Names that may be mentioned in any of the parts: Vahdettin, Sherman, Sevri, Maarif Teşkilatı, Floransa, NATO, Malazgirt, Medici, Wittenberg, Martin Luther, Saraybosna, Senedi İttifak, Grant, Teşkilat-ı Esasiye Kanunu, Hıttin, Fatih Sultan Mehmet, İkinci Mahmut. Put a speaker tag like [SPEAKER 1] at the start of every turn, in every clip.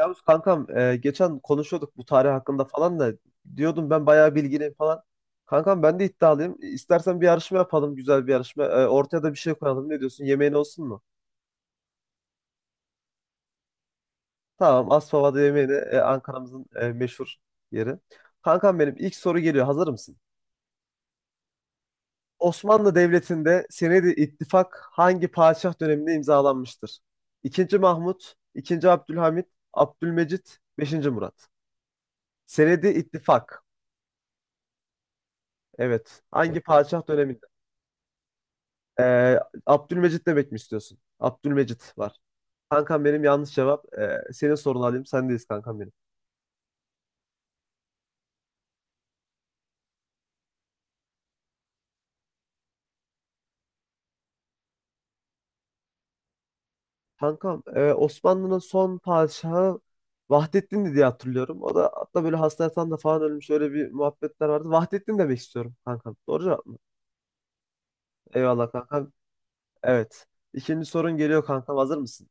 [SPEAKER 1] Yavuz kankam geçen konuşuyorduk bu tarih hakkında falan da diyordum ben bayağı bilgiliyim falan. Kankam ben de iddialıyım. İstersen bir yarışma yapalım, güzel bir yarışma. Ortaya da bir şey koyalım. Ne diyorsun? Yemeğin olsun mu? Tamam, Aspava'da yemeğine, Ankara'mızın meşhur yeri. Kankam benim ilk soru geliyor. Hazır mısın? Osmanlı Devleti'nde Senedi İttifak hangi padişah döneminde imzalanmıştır? İkinci Mahmut, İkinci Abdülhamit, Abdülmecit, Beşinci Murat. Senedi İttifak. Evet. Hangi padişah dönemi? Ee, Abdülmecit demek mi istiyorsun? Abdülmecit var. Kankam benim yanlış cevap. Senin sorunu alayım. Sendeyiz kankam benim. Kankam, Osmanlı'nın son padişahı Vahdettin'di diye hatırlıyorum. O da hatta böyle hasta yatağında falan ölmüş. Öyle bir muhabbetler vardı. Vahdettin demek istiyorum kankam. Doğru cevap mı? Eyvallah kankam. Evet. İkinci sorun geliyor kankam. Hazır mısın?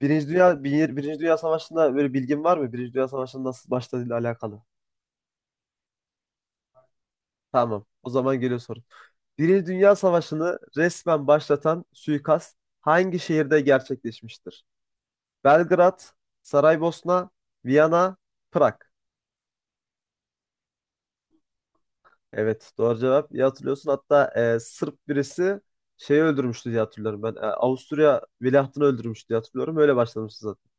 [SPEAKER 1] Birinci Dünya Savaşı'nda böyle bilgin var mı? Birinci Dünya Savaşı'nın nasıl başladığıyla alakalı. Tamam. O zaman geliyor soru. Birinci Dünya Savaşı'nı resmen başlatan suikast hangi şehirde gerçekleşmiştir? Belgrad, Saraybosna, Viyana, Prag. Evet, doğru cevap. İyi hatırlıyorsun. Hatta Sırp birisi şeyi öldürmüştü diye hatırlıyorum ben. Avusturya veliahtını öldürmüştü diye hatırlıyorum. Öyle başlamıştı zaten.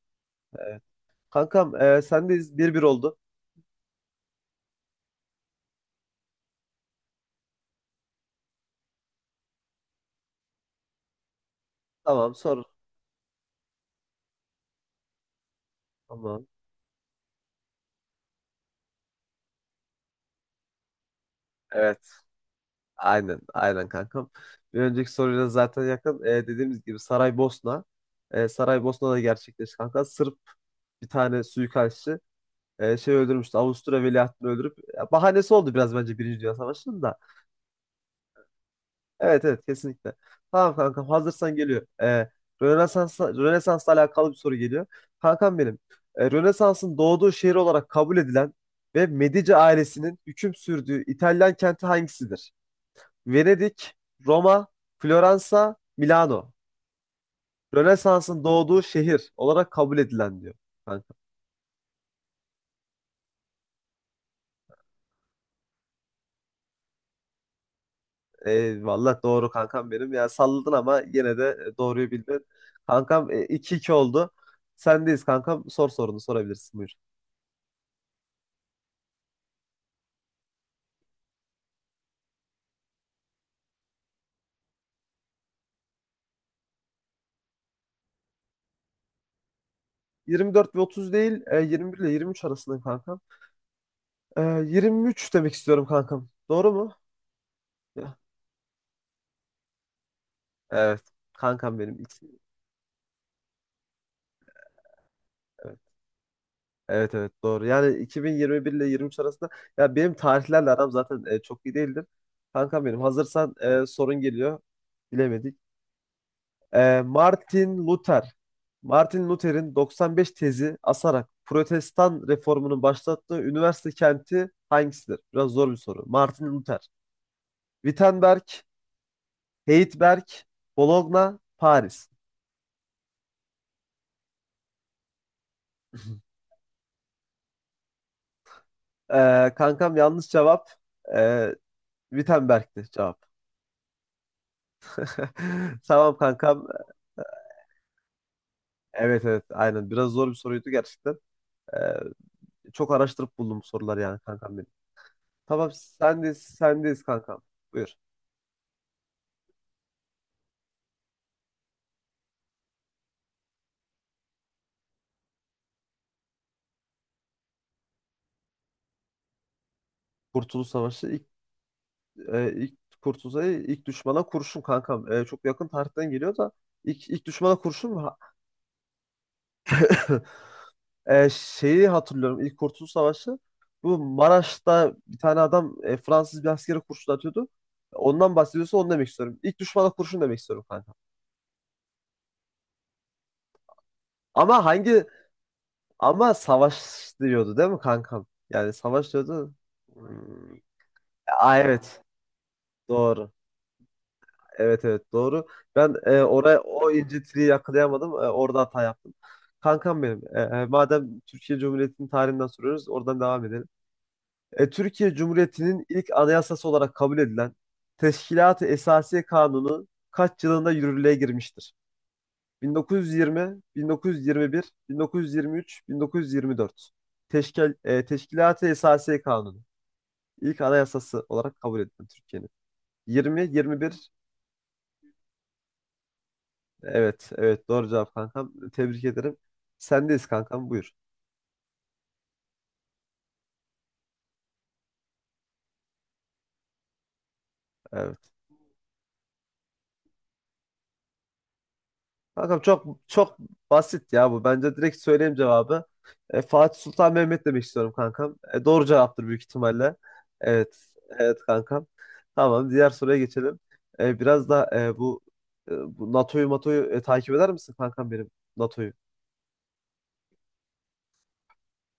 [SPEAKER 1] Kankam, sendeyiz. Bir bir oldu. Tamam, sor. Tamam. Evet. Aynen, aynen kankam. Bir önceki soruyla zaten yakın. Dediğimiz gibi Saraybosna. Saraybosna'da gerçekleşti kanka. Sırp bir tane suikastçı, şey öldürmüştü. Avusturya veliahtını öldürüp ya, bahanesi oldu biraz bence Birinci Dünya Savaşı'nın da. Evet evet kesinlikle. Tamam kankam, hazırsan geliyor. Rönesans'la alakalı bir soru geliyor. Kankam benim. Rönesans'ın doğduğu şehir olarak kabul edilen ve Medici ailesinin hüküm sürdüğü İtalyan kenti hangisidir? Venedik, Roma, Floransa, Milano. Rönesans'ın doğduğu şehir olarak kabul edilen diyor. Kanka. Eyvallah, doğru kankam benim. Ya salladın ama yine de doğruyu bildin. Kankam, iki 2 oldu. Sendeyiz kankam. Sor sorunu sorabilirsin, buyur. 24 ve 30 değil, 21 ile 23 arasındayım kankam. 23 demek istiyorum kankam. Doğru mu? Ya, evet. Kankam benim. İki. Evet. Evet evet doğru. Yani 2021 ile 23 arasında, ya benim tarihlerle aram zaten çok iyi değildir. Kankam benim, hazırsan sorun geliyor. Bilemedik. E, Martin Luther. Martin Luther'in 95 tezi asarak Protestan reformunu başlattığı üniversite kenti hangisidir? Biraz zor bir soru. Martin Luther. Wittenberg, Heidelberg, Bologna, Paris. E, Kankam, yanlış cevap. E, Wittenberg'ti cevap. Tamam kankam. Evet evet aynen. Biraz zor bir soruydu gerçekten. Ee, Çok araştırıp buldum bu soruları yani kankam benim. Tamam, sendeyiz kankam. Buyur. Kurtuluş Savaşı ilk, e, ilk Kurtuluş Savaşı ilk düşmana kurşun kankam. Çok yakın tarihten geliyor da ilk düşmana kurşun mu? Şeyi hatırlıyorum ilk Kurtuluş Savaşı. Bu Maraş'ta bir tane adam, Fransız bir askere kurşun atıyordu. Ondan bahsediyorsa onu demek istiyorum. İlk düşmana kurşun demek istiyorum kanka. Ama hangi, ama savaş diyordu değil mi kankam? Yani savaş diyordu. Hmm. Aa, evet. Doğru. Evet evet doğru. Ben, oraya o incitiliği yakalayamadım. Orada hata yaptım. Kankam benim. Madem Türkiye Cumhuriyeti'nin tarihinden soruyoruz, oradan devam edelim. Türkiye Cumhuriyeti'nin ilk anayasası olarak kabul edilen Teşkilat-ı Esasiye Kanunu kaç yılında yürürlüğe girmiştir? 1920, 1921, 1923, 1924. Teşkilat-ı Esasiye Kanunu. İlk anayasası olarak kabul edilen Türkiye'nin. 20, 21. Evet, evet doğru cevap kankam. Tebrik ederim. Sendeyiz kankam, buyur. Evet. Kankam, çok çok basit ya bu. Bence direkt söyleyeyim cevabı. Fatih Sultan Mehmet demek istiyorum kankam. Doğru cevaptır büyük ihtimalle. Evet. Evet kankam. Tamam, diğer soruya geçelim. Biraz da bu NATO'yu takip eder misin kankam benim NATO'yu?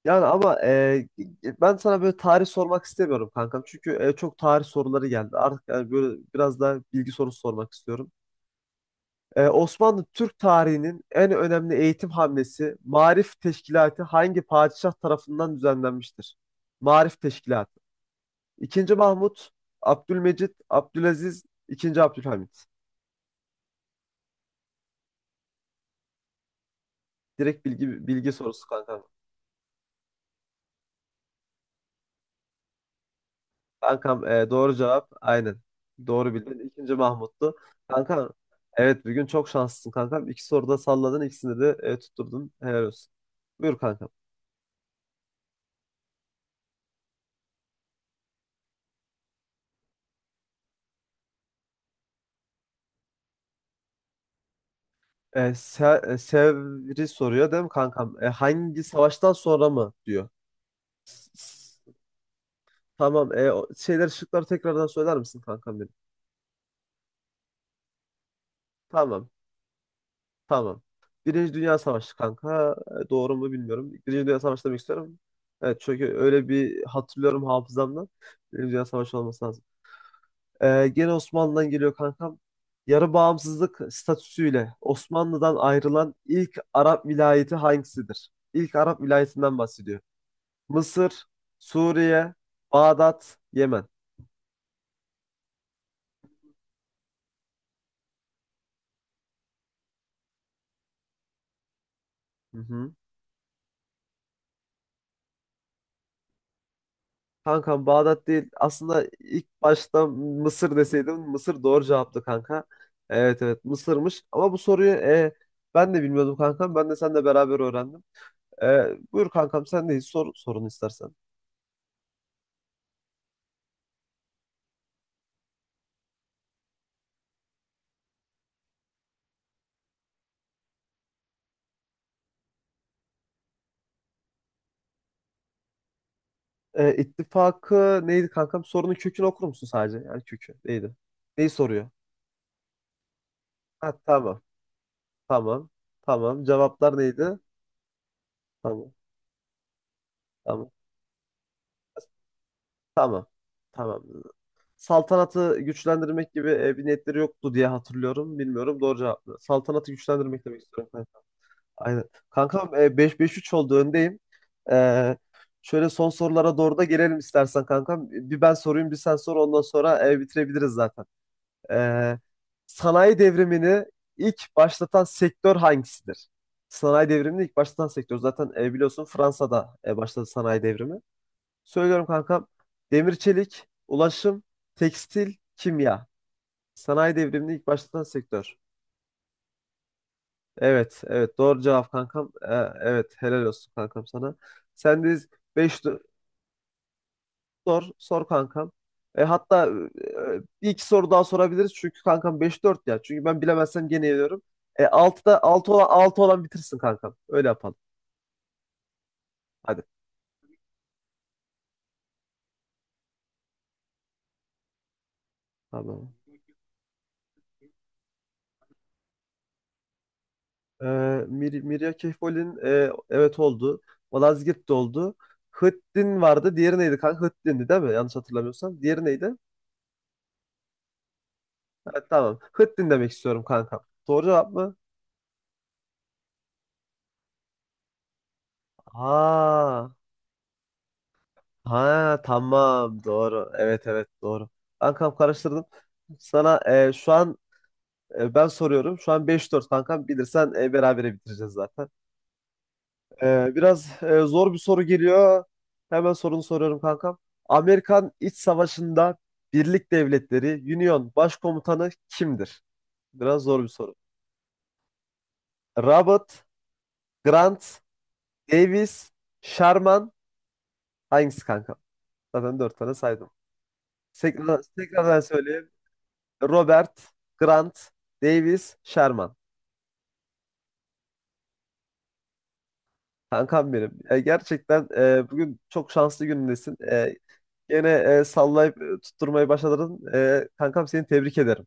[SPEAKER 1] Yani ama ben sana böyle tarih sormak istemiyorum kankam. Çünkü çok tarih soruları geldi. Artık yani böyle biraz daha bilgi sorusu sormak istiyorum. Osmanlı Türk tarihinin en önemli eğitim hamlesi Maarif Teşkilatı hangi padişah tarafından düzenlenmiştir? Maarif Teşkilatı. İkinci Mahmut, Abdülmecit, Abdülaziz, İkinci Abdülhamit. Direkt bilgi sorusu kankam. Kankam, doğru cevap aynen. Doğru bildin. İkinci Mahmut'tu. Kankam, evet bugün çok şanslısın kankam. İki soruda salladın, ikisinde de tutturdun. Helal olsun. Buyur kankam. Sevri soruyor değil mi kankam? Hangi savaştan sonra mı diyor. S- s- Tamam. O şıkları tekrardan söyler misin kankam benim? Tamam. Tamam. Birinci Dünya Savaşı kanka. Doğru mu bilmiyorum. Birinci Dünya Savaşı demek istiyorum. Evet, çünkü öyle bir hatırlıyorum hafızamdan. Birinci Dünya Savaşı olması lazım. Gene Osmanlı'dan geliyor kankam. Yarı bağımsızlık statüsüyle Osmanlı'dan ayrılan ilk Arap vilayeti hangisidir? İlk Arap vilayetinden bahsediyor. Mısır, Suriye, Bağdat, Yemen. Hı hı. Kankam, Bağdat değil. Aslında ilk başta Mısır deseydim Mısır doğru cevaptı kanka. Evet evet Mısır'mış. Ama bu soruyu, ben de bilmiyordum kankam. Ben de seninle beraber öğrendim. Buyur kankam, sen de sor sorunu istersen. İttifakı neydi kankam? Sorunun kökünü okur musun sadece? Yani kökü neydi? Neyi soruyor? Ha, tamam. Tamam. Tamam. Cevaplar neydi? Tamam. Tamam. Tamam. Tamam. Saltanatı güçlendirmek gibi bir niyetleri yoktu diye hatırlıyorum. Bilmiyorum, doğru cevap mı? Saltanatı güçlendirmek demek istiyorum kanka. Aynen. Kankam, beş 5 3 oldu, öndeyim. E, Şöyle son sorulara doğru da gelelim istersen kankam. Bir ben sorayım, bir sen sor, ondan sonra bitirebiliriz zaten. E, Sanayi devrimini ilk başlatan sektör hangisidir? Sanayi devrimini ilk başlatan sektör. Zaten biliyorsun Fransa'da başladı sanayi devrimi. Söylüyorum kankam. Demir çelik, ulaşım, tekstil, kimya. Sanayi devriminin ilk başlatan sektör. Evet, evet doğru cevap kankam. Evet, helal olsun kankam sana. Sendeyiz 5, sor, sor kankam. Hatta bir iki soru daha sorabiliriz çünkü kankam beş dört ya. Çünkü ben bilemezsem gene yeniyorum. 6'da 6 olan, 6 olan bitirsin kankam. Öyle yapalım. Hadi. Tamam. Mirya Kehfol'in evet oldu. Malazgirt de oldu. Hıttin vardı. Diğeri neydi kanka? Hıttin'di değil mi? Yanlış hatırlamıyorsam. Diğeri neydi? Evet, tamam. Hıttin demek istiyorum kanka. Doğru cevap mı? Ha. Ha tamam, doğru. Evet evet doğru. Kankam karıştırdım. Sana şu an ben soruyorum. Şu an 5-4 kankam. Bilirsen berabere bitireceğiz zaten. Biraz zor bir soru geliyor. Hemen sorunu soruyorum kankam. Amerikan İç Savaşı'nda Birlik Devletleri Union Başkomutanı kimdir? Biraz zor bir soru. Robert, Grant, Davis, Sherman, hangisi kanka? Zaten dört tane saydım. Tekrardan söyleyeyim. Robert, Grant, Davis, Sherman. Kankam benim. Gerçekten bugün çok şanslı günündesin. Yine sallayıp tutturmayı başardın. Kankam, seni tebrik ederim.